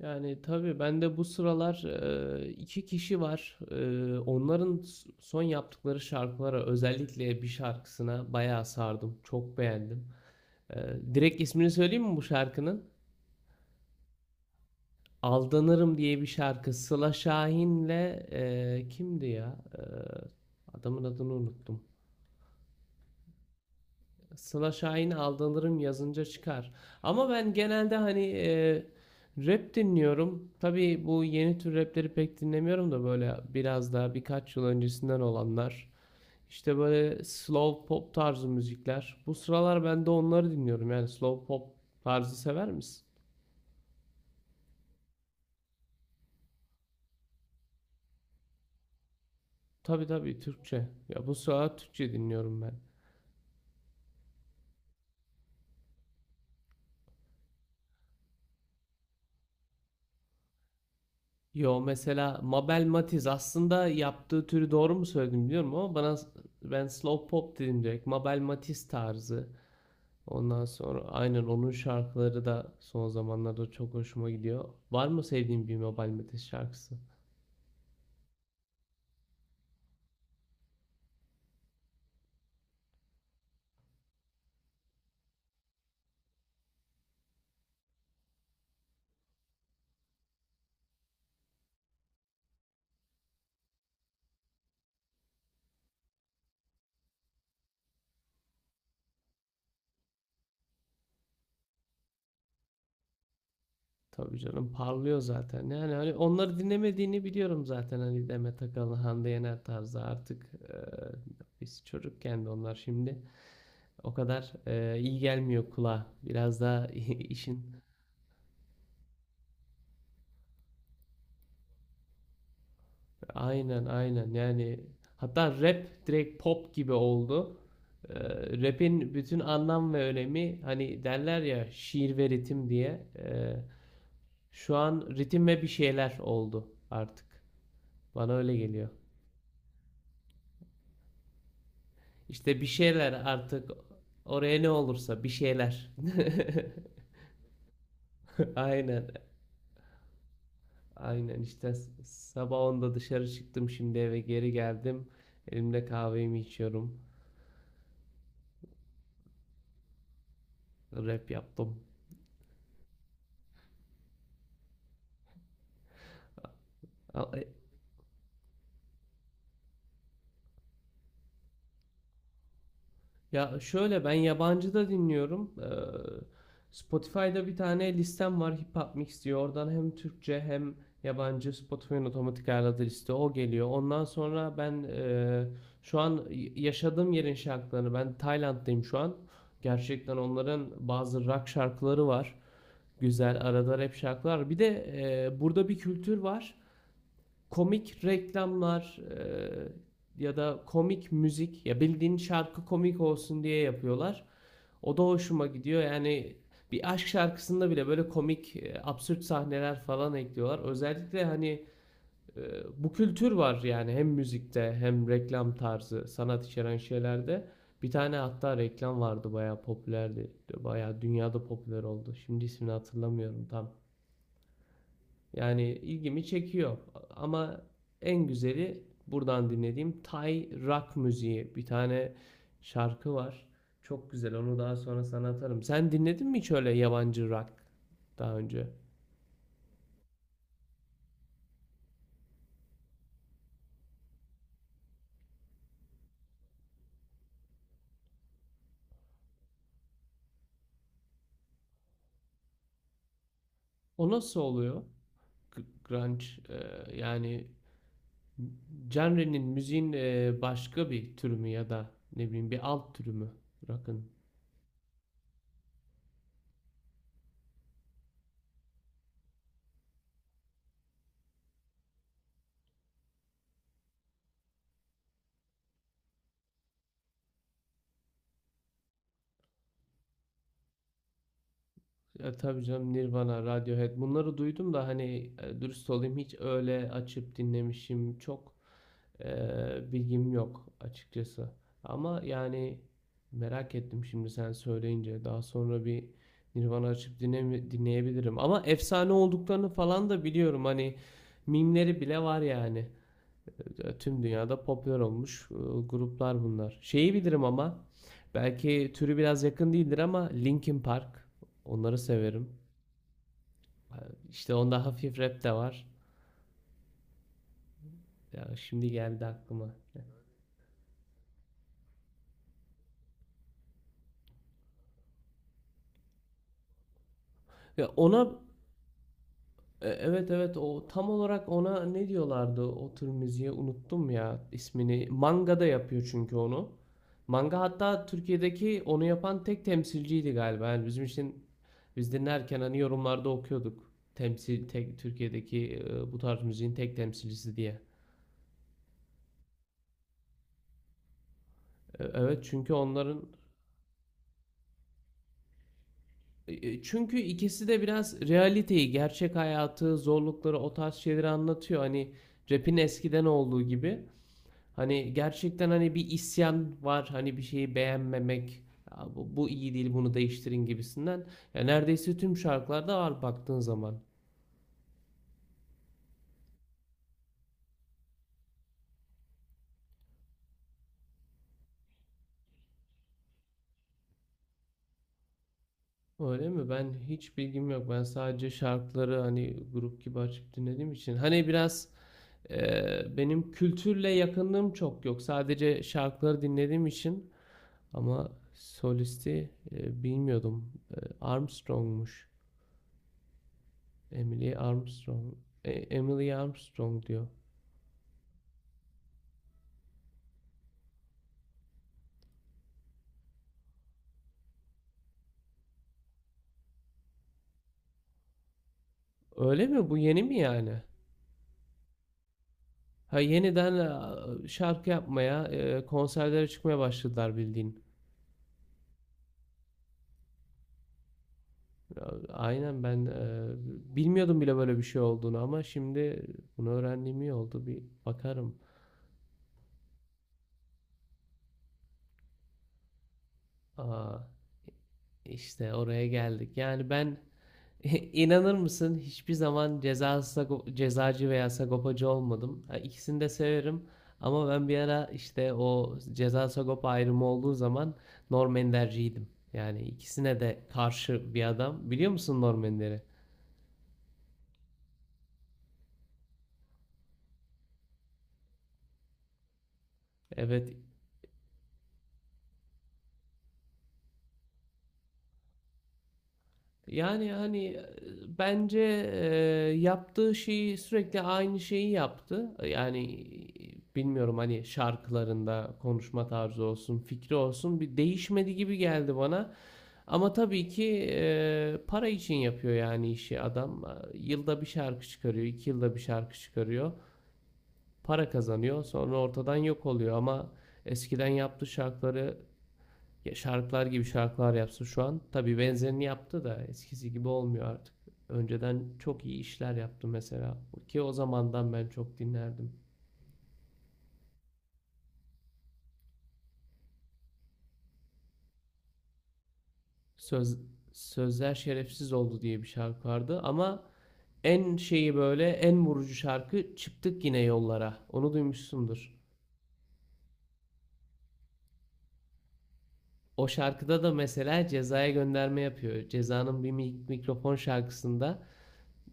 Yani tabii ben de bu sıralar iki kişi var. Onların son yaptıkları şarkılara, özellikle bir şarkısına bayağı sardım. Çok beğendim. E, Direkt ismini söyleyeyim mi bu şarkının? Aldanırım diye bir şarkı. Sıla Şahin'le, kimdi ya? Adamın adını unuttum. Sıla Şahin Aldanırım yazınca çıkar. Ama ben genelde hani rap dinliyorum. Tabii bu yeni tür rapleri pek dinlemiyorum da böyle biraz daha birkaç yıl öncesinden olanlar. İşte böyle slow pop tarzı müzikler. Bu sıralar ben de onları dinliyorum. Yani slow pop tarzı sever misin? Tabii tabii, Türkçe. Ya bu sıralar Türkçe dinliyorum ben. Yo mesela Mabel Matiz, aslında yaptığı türü doğru mu söyledim biliyorum ama bana, ben slow pop dedim direkt. Mabel Matiz tarzı. Ondan sonra aynen onun şarkıları da son zamanlarda çok hoşuma gidiyor. Var mı sevdiğin bir Mabel Matiz şarkısı? Tabii canım, parlıyor zaten. Yani hani onları dinlemediğini biliyorum zaten, hani Demet Akalın, Hande Yener tarzı artık, biz çocukken de onlar şimdi o kadar iyi gelmiyor kulağa. Biraz daha işin. Aynen aynen, yani hatta rap direkt pop gibi oldu. Ee, Rap'in bütün anlam ve önemi, hani derler ya, şiir ve ritim diye. Şu an ritim ve bir şeyler oldu artık. Bana öyle geliyor. İşte bir şeyler artık, oraya ne olursa bir şeyler. Aynen aynen, işte sabah onda dışarı çıktım, şimdi eve geri geldim. Elimde kahvemi içiyorum. Rap yaptım. Ya şöyle, ben yabancı da dinliyorum. Spotify'da bir tane listem var, Hip Hop Mix diyor. Oradan hem Türkçe hem yabancı, Spotify'ın otomatik ayarladığı liste o geliyor. Ondan sonra ben şu an yaşadığım yerin şarkılarını, ben Tayland'dayım şu an. Gerçekten onların bazı rock şarkıları var. Güzel, arada rap şarkılar. Bir de burada bir kültür var, komik reklamlar, ya da komik müzik, ya bildiğin şarkı komik olsun diye yapıyorlar. O da hoşuma gidiyor. Yani bir aşk şarkısında bile böyle komik, absürt sahneler falan ekliyorlar. Özellikle hani e, bu kültür var yani, hem müzikte hem reklam tarzı, sanat içeren şeylerde. Bir tane hatta reklam vardı, bayağı popülerdi. Bayağı dünyada popüler oldu. Şimdi ismini hatırlamıyorum tam. Yani ilgimi çekiyor. Ama en güzeli buradan dinlediğim Thai rock müziği. Bir tane şarkı var. Çok güzel. Onu daha sonra sana atarım. Sen dinledin mi hiç öyle yabancı rock daha önce? O nasıl oluyor? G- Grunge, yani genre'nin, müziğin başka bir türü mü, ya da ne bileyim bir alt türü mü rock'ın? Ya tabii canım, Nirvana, Radiohead bunları duydum da, hani dürüst olayım, hiç öyle açıp dinlemişim çok. Bilgim yok açıkçası. Ama yani merak ettim şimdi sen söyleyince. Daha sonra bir Nirvana açıp dinleyebilirim. Ama efsane olduklarını falan da biliyorum. Hani mimleri bile var yani. Tüm dünyada popüler olmuş gruplar bunlar. Şeyi bilirim ama, belki türü biraz yakın değildir ama, Linkin Park. Onları severim. Ee, İşte onda hafif rap de var. Ya şimdi geldi aklıma. Ya ona Evet evet, o tam olarak ona ne diyorlardı o tür müziğe, unuttum ya ismini. Manga da yapıyor çünkü onu. Manga hatta Türkiye'deki onu yapan tek temsilciydi galiba. Yani bizim için, biz dinlerken hani yorumlarda okuyorduk. Temsil tek Türkiye'deki, bu tarz müziğin tek temsilcisi diye. Evet, çünkü onların, çünkü ikisi de biraz realiteyi, gerçek hayatı, zorlukları, o tarz şeyleri anlatıyor. Hani rap'in eskiden olduğu gibi. Hani gerçekten hani bir isyan var. Hani bir şeyi beğenmemek. "Ya bu iyi değil, bunu değiştirin" gibisinden. Ya neredeyse tüm şarkılarda var baktığın zaman. Öyle mi? Ben hiç bilgim yok. Ben sadece şarkıları hani grup gibi açıp dinlediğim için. Hani biraz benim kültürle yakınlığım çok yok. Sadece şarkıları dinlediğim için. Ama solisti bilmiyordum. Armstrong'muş. Emily Armstrong. Emily Armstrong diyor. Öyle mi? Bu yeni mi yani? Ha, yeniden şarkı yapmaya, konserlere çıkmaya başladılar bildiğin. Ya, aynen, ben bilmiyordum bile böyle bir şey olduğunu, ama şimdi bunu öğrendiğim iyi oldu. Bir bakarım. Aa, işte oraya geldik. Yani ben, İnanır mısın, hiçbir zaman cezacı veya sagopacı olmadım. Ha, İkisini de severim. Ama ben bir ara, işte o ceza sagopa ayrımı olduğu zaman, Norm Ender'ciydim. Yani ikisine de karşı bir adam. Biliyor musun Norm Ender'i? Evet. Yani hani bence e, yaptığı şeyi, sürekli aynı şeyi yaptı. Yani bilmiyorum, hani şarkılarında konuşma tarzı olsun, fikri olsun, bir değişmedi gibi geldi bana. Ama tabii ki para için yapıyor yani işi, adam. Yılda bir şarkı çıkarıyor, iki yılda bir şarkı çıkarıyor. Para kazanıyor, sonra ortadan yok oluyor, ama eskiden yaptığı şarkıları, ya şarkılar gibi şarkılar yapsa, şu an tabii benzerini yaptı da eskisi gibi olmuyor artık. Önceden çok iyi işler yaptı mesela, ki o zamandan ben çok dinlerdim. Söz Sözler Şerefsiz oldu diye bir şarkı vardı ama. En şeyi, böyle en vurucu şarkı, Çıktık Yine Yollara. Onu duymuşsundur. O şarkıda da mesela Ceza'ya gönderme yapıyor. Ceza'nın bir mikrofon şarkısında,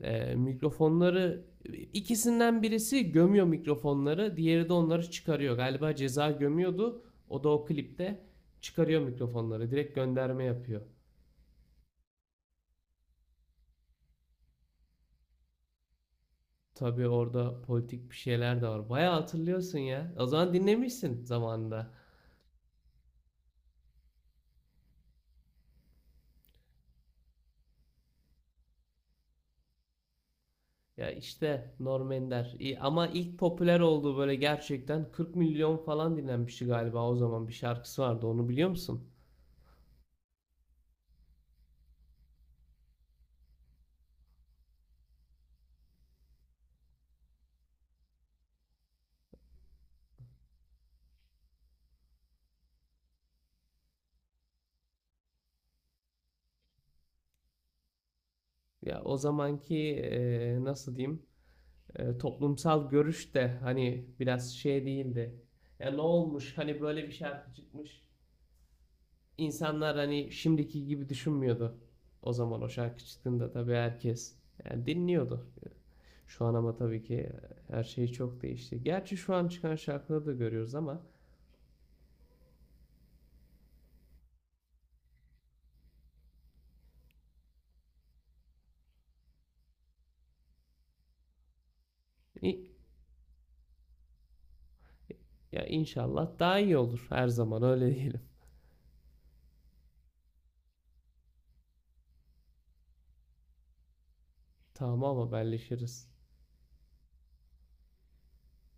mikrofonları, ikisinden birisi gömüyor mikrofonları, diğeri de onları çıkarıyor. Galiba Ceza gömüyordu. O da o klipte çıkarıyor mikrofonları. Direkt gönderme yapıyor. Tabii orada politik bir şeyler de var. Bayağı hatırlıyorsun ya. O zaman dinlemişsin zamanında. Ya işte Norm Ender. İyi. Ama ilk popüler olduğu, böyle gerçekten 40 milyon falan dinlenmişti galiba, o zaman bir şarkısı vardı, onu biliyor musun? Ya o zamanki nasıl diyeyim, toplumsal görüş de hani biraz şey değildi. Ya ne olmuş, hani böyle bir şarkı çıkmış. İnsanlar hani şimdiki gibi düşünmüyordu. O zaman o şarkı çıktığında tabii herkes yani dinliyordu. Şu an ama tabii ki her şey çok değişti. Gerçi şu an çıkan şarkıları da görüyoruz ama. İ- Ya inşallah daha iyi olur, her zaman öyle diyelim. Tamam, haberleşiriz.